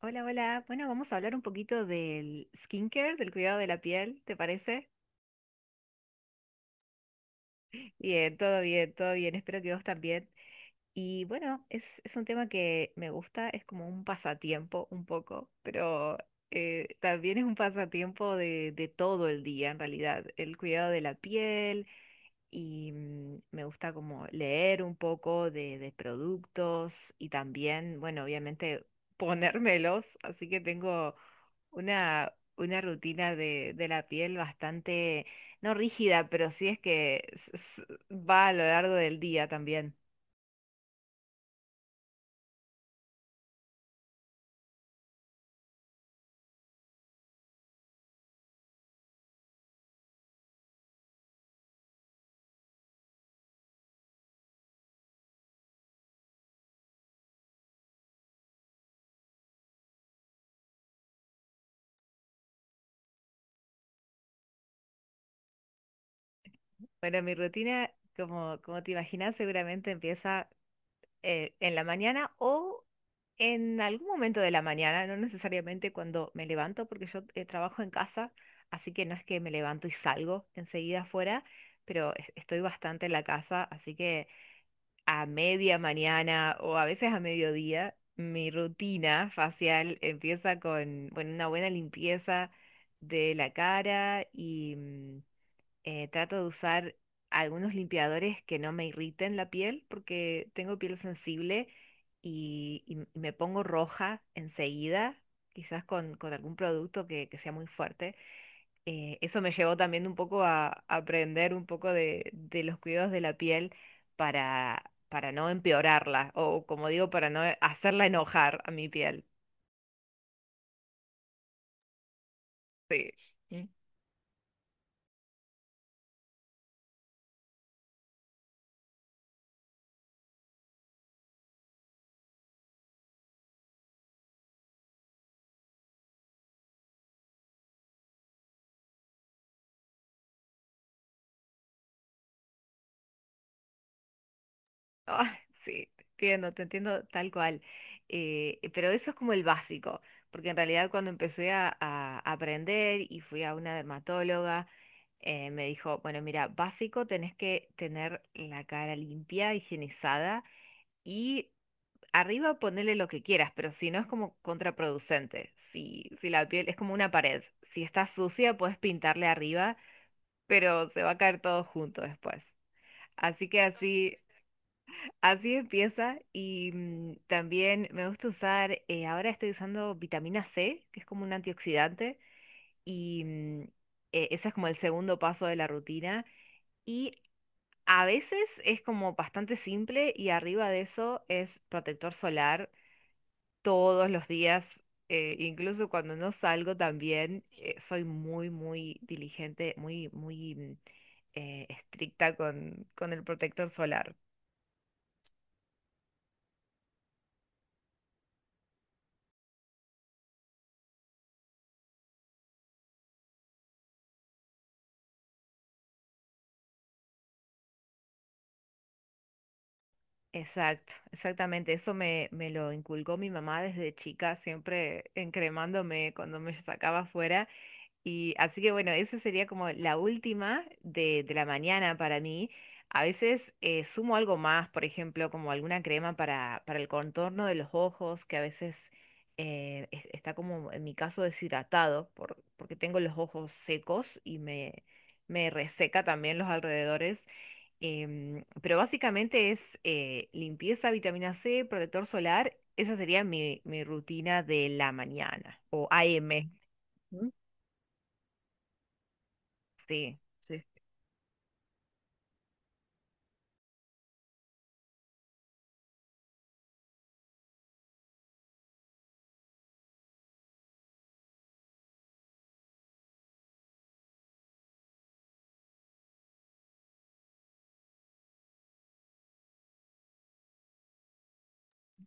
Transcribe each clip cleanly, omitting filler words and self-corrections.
Hola, hola. Bueno, vamos a hablar un poquito del skincare, del cuidado de la piel, ¿te parece? Bien, todo bien, todo bien. Espero que vos también. Y bueno, es un tema que me gusta, es como un pasatiempo un poco, pero también es un pasatiempo de todo el día en realidad. El cuidado de la piel, y me gusta como leer un poco de productos y también, bueno, obviamente ponérmelos, así que tengo una rutina de la piel bastante, no rígida, pero sí es que va a lo largo del día también. Bueno, mi rutina, como te imaginas, seguramente empieza en la mañana o en algún momento de la mañana, no necesariamente cuando me levanto, porque yo trabajo en casa, así que no es que me levanto y salgo enseguida afuera, pero estoy bastante en la casa, así que a media mañana o a veces a mediodía, mi rutina facial empieza con, bueno, una buena limpieza de la cara. Trato de usar algunos limpiadores que no me irriten la piel porque tengo piel sensible y, y me pongo roja enseguida, quizás con algún producto que sea muy fuerte. Eso me llevó también un poco a aprender un poco de los cuidados de la piel para no empeorarla o, como digo, para no hacerla enojar a mi piel. Sí. Ah, sí, te entiendo tal cual. Pero eso es como el básico, porque en realidad cuando empecé a aprender y fui a una dermatóloga, me dijo, bueno, mira, básico tenés que tener la cara limpia, higienizada y arriba ponerle lo que quieras, pero si no es como contraproducente. Si, si la piel es como una pared, si está sucia puedes pintarle arriba, pero se va a caer todo junto después. Así que así, así empieza y también me gusta usar, ahora estoy usando vitamina C, que es como un antioxidante, y ese es como el segundo paso de la rutina. Y a veces es como bastante simple y arriba de eso es protector solar todos los días, incluso cuando no salgo también, soy muy, muy diligente, muy, muy, estricta con el protector solar. Exacto, exactamente. Eso me, me lo inculcó mi mamá desde chica, siempre encremándome cuando me sacaba afuera. Y así que bueno, esa sería como la última de la mañana para mí. A veces sumo algo más, por ejemplo, como alguna crema para el contorno de los ojos, que a veces está como en mi caso deshidratado, porque tengo los ojos secos y me reseca también los alrededores. Pero básicamente es limpieza, vitamina C, protector solar. Esa sería mi, mi rutina de la mañana o AM. Ujú. Sí. Sí.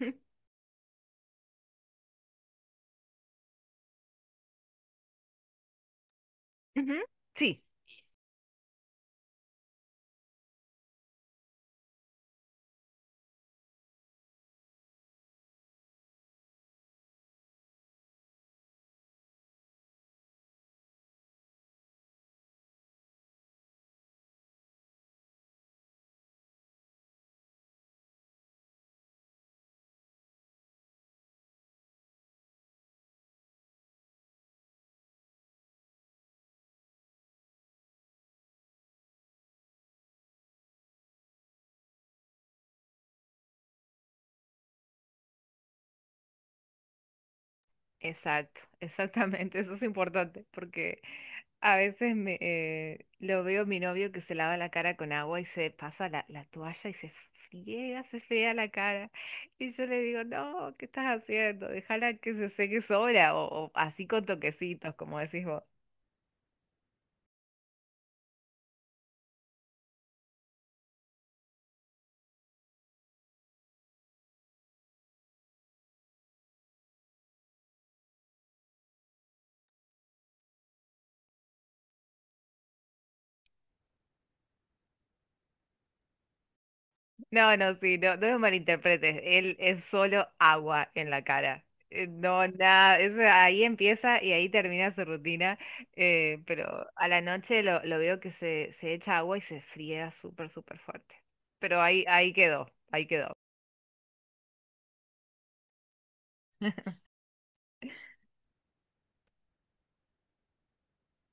Ujú, ujú. Sí, exacto, exactamente. Eso es importante porque a veces me, lo veo a mi novio que se lava la cara con agua y se pasa la, la toalla y se friega la cara. Y yo le digo, no, ¿qué estás haciendo? Déjala que se seque sola o así con toquecitos, como decís. No, no, sí, no, no me malinterpretes. Él es solo agua en la cara. No, nada, eso ahí empieza y ahí termina su rutina. Pero a la noche lo veo que se echa agua y se fría súper, súper fuerte. Pero ahí, ahí quedó, ahí quedó.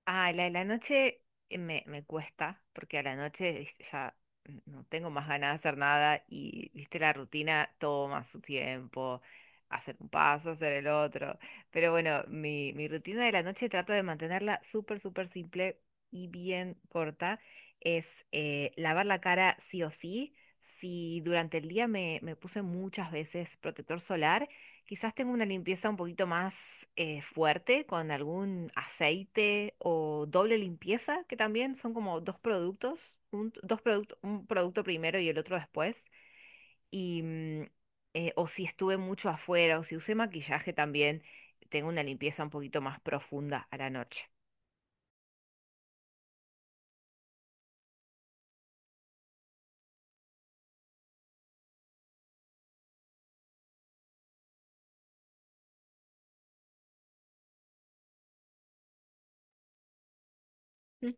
Ah, la de la noche me, me cuesta, porque a la noche viste, ya no tengo más ganas de hacer nada y, viste, la rutina toma su tiempo, hacer un paso, hacer el otro. Pero bueno, mi rutina de la noche trato de mantenerla súper, súper simple y bien corta. Es lavar la cara sí o sí. Si durante el día me, me puse muchas veces protector solar, quizás tengo una limpieza un poquito más fuerte con algún aceite o doble limpieza, que también son como dos productos, un producto primero y el otro después. Y, o si estuve mucho afuera o si usé maquillaje también, tengo una limpieza un poquito más profunda a la noche. Mm.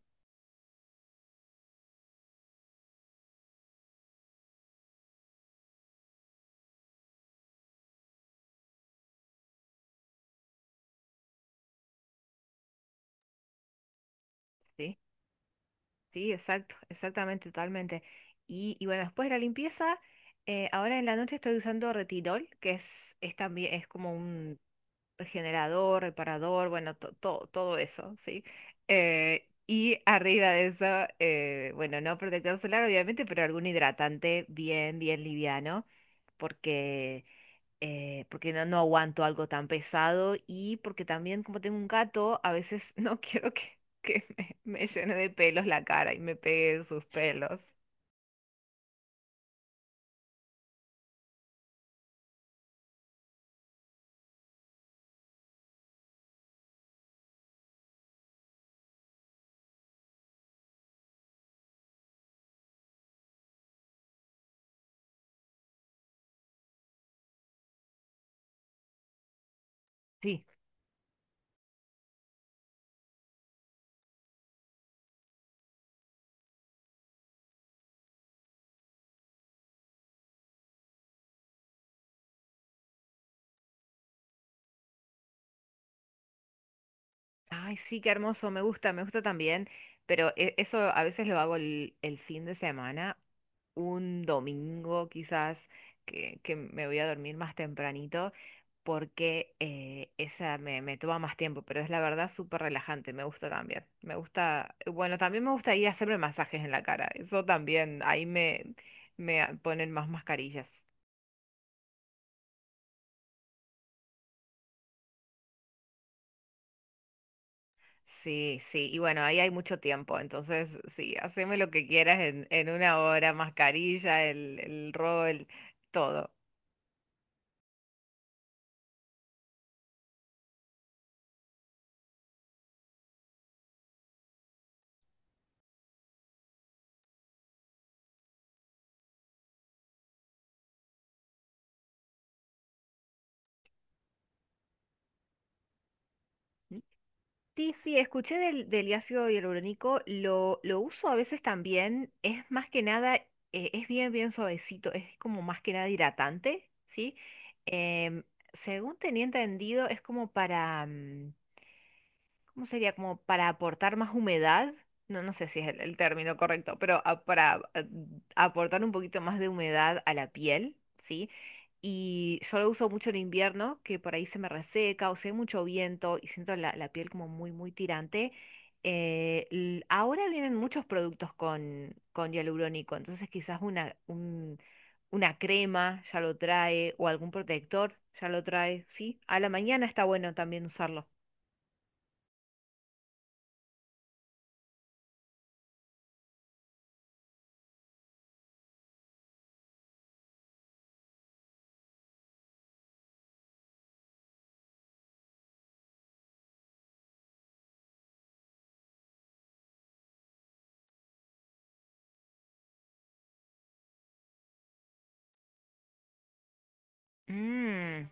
Sí, sí, exacto, exactamente, totalmente. Y bueno, después de la limpieza, ahora en la noche estoy usando retinol, que es también es como un generador, reparador, bueno, todo eso, ¿sí? Y arriba de eso, bueno, no protector solar, obviamente, pero algún hidratante bien, bien liviano, porque, porque no, no aguanto algo tan pesado y porque también, como tengo un gato, a veces no quiero que me llene de pelos la cara y me pegue sus pelos. Sí, ay, sí, qué hermoso, me gusta también. Pero eso a veces lo hago el fin de semana, un domingo quizás que me voy a dormir más tempranito porque esa me, me toma más tiempo, pero es la verdad súper relajante, me gusta también. Me gusta, bueno, también me gusta ir a hacerme masajes en la cara, eso también, ahí me, ponen más mascarillas. Sí, sí, y bueno, ahí hay mucho tiempo, entonces sí, haceme lo que quieras en una hora, mascarilla, el rol, todo. Sí, sí, escuché del, del ácido hialurónico, lo uso a veces también, es más que nada, es bien, bien suavecito, es como más que nada hidratante, ¿sí? Em, Según tenía entendido, es como para, ¿cómo sería? Como para aportar más humedad. No, no sé si es el término correcto, pero para aportar un poquito más de humedad a la piel, ¿sí? Y yo lo uso mucho en invierno, que por ahí se me reseca o si hay mucho viento y siento la, la piel como muy, muy tirante. Ahora vienen muchos productos con hialurónico, entonces quizás una, una crema ya lo trae o algún protector ya lo trae, ¿sí? A la mañana está bueno también usarlo. Mm.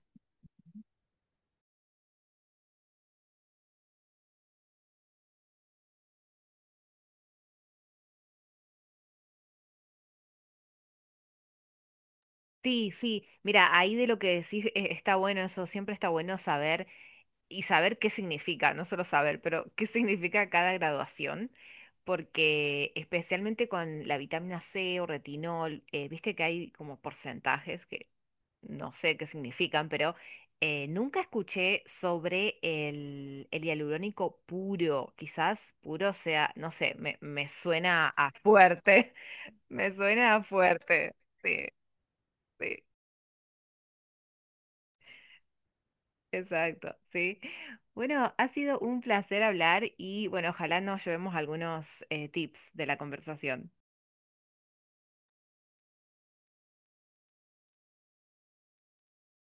Sí, sí, mira, ahí de lo que decís está bueno eso, siempre está bueno saber y saber qué significa, no solo saber, pero qué significa cada graduación, porque especialmente con la vitamina C o retinol, viste que hay como porcentajes que no sé qué significan, pero nunca escuché sobre el hialurónico puro, quizás puro sea, no sé, me suena a fuerte, me suena a fuerte, sí, sí. Exacto, sí. Bueno, ha sido un placer hablar y bueno, ojalá nos llevemos algunos tips de la conversación.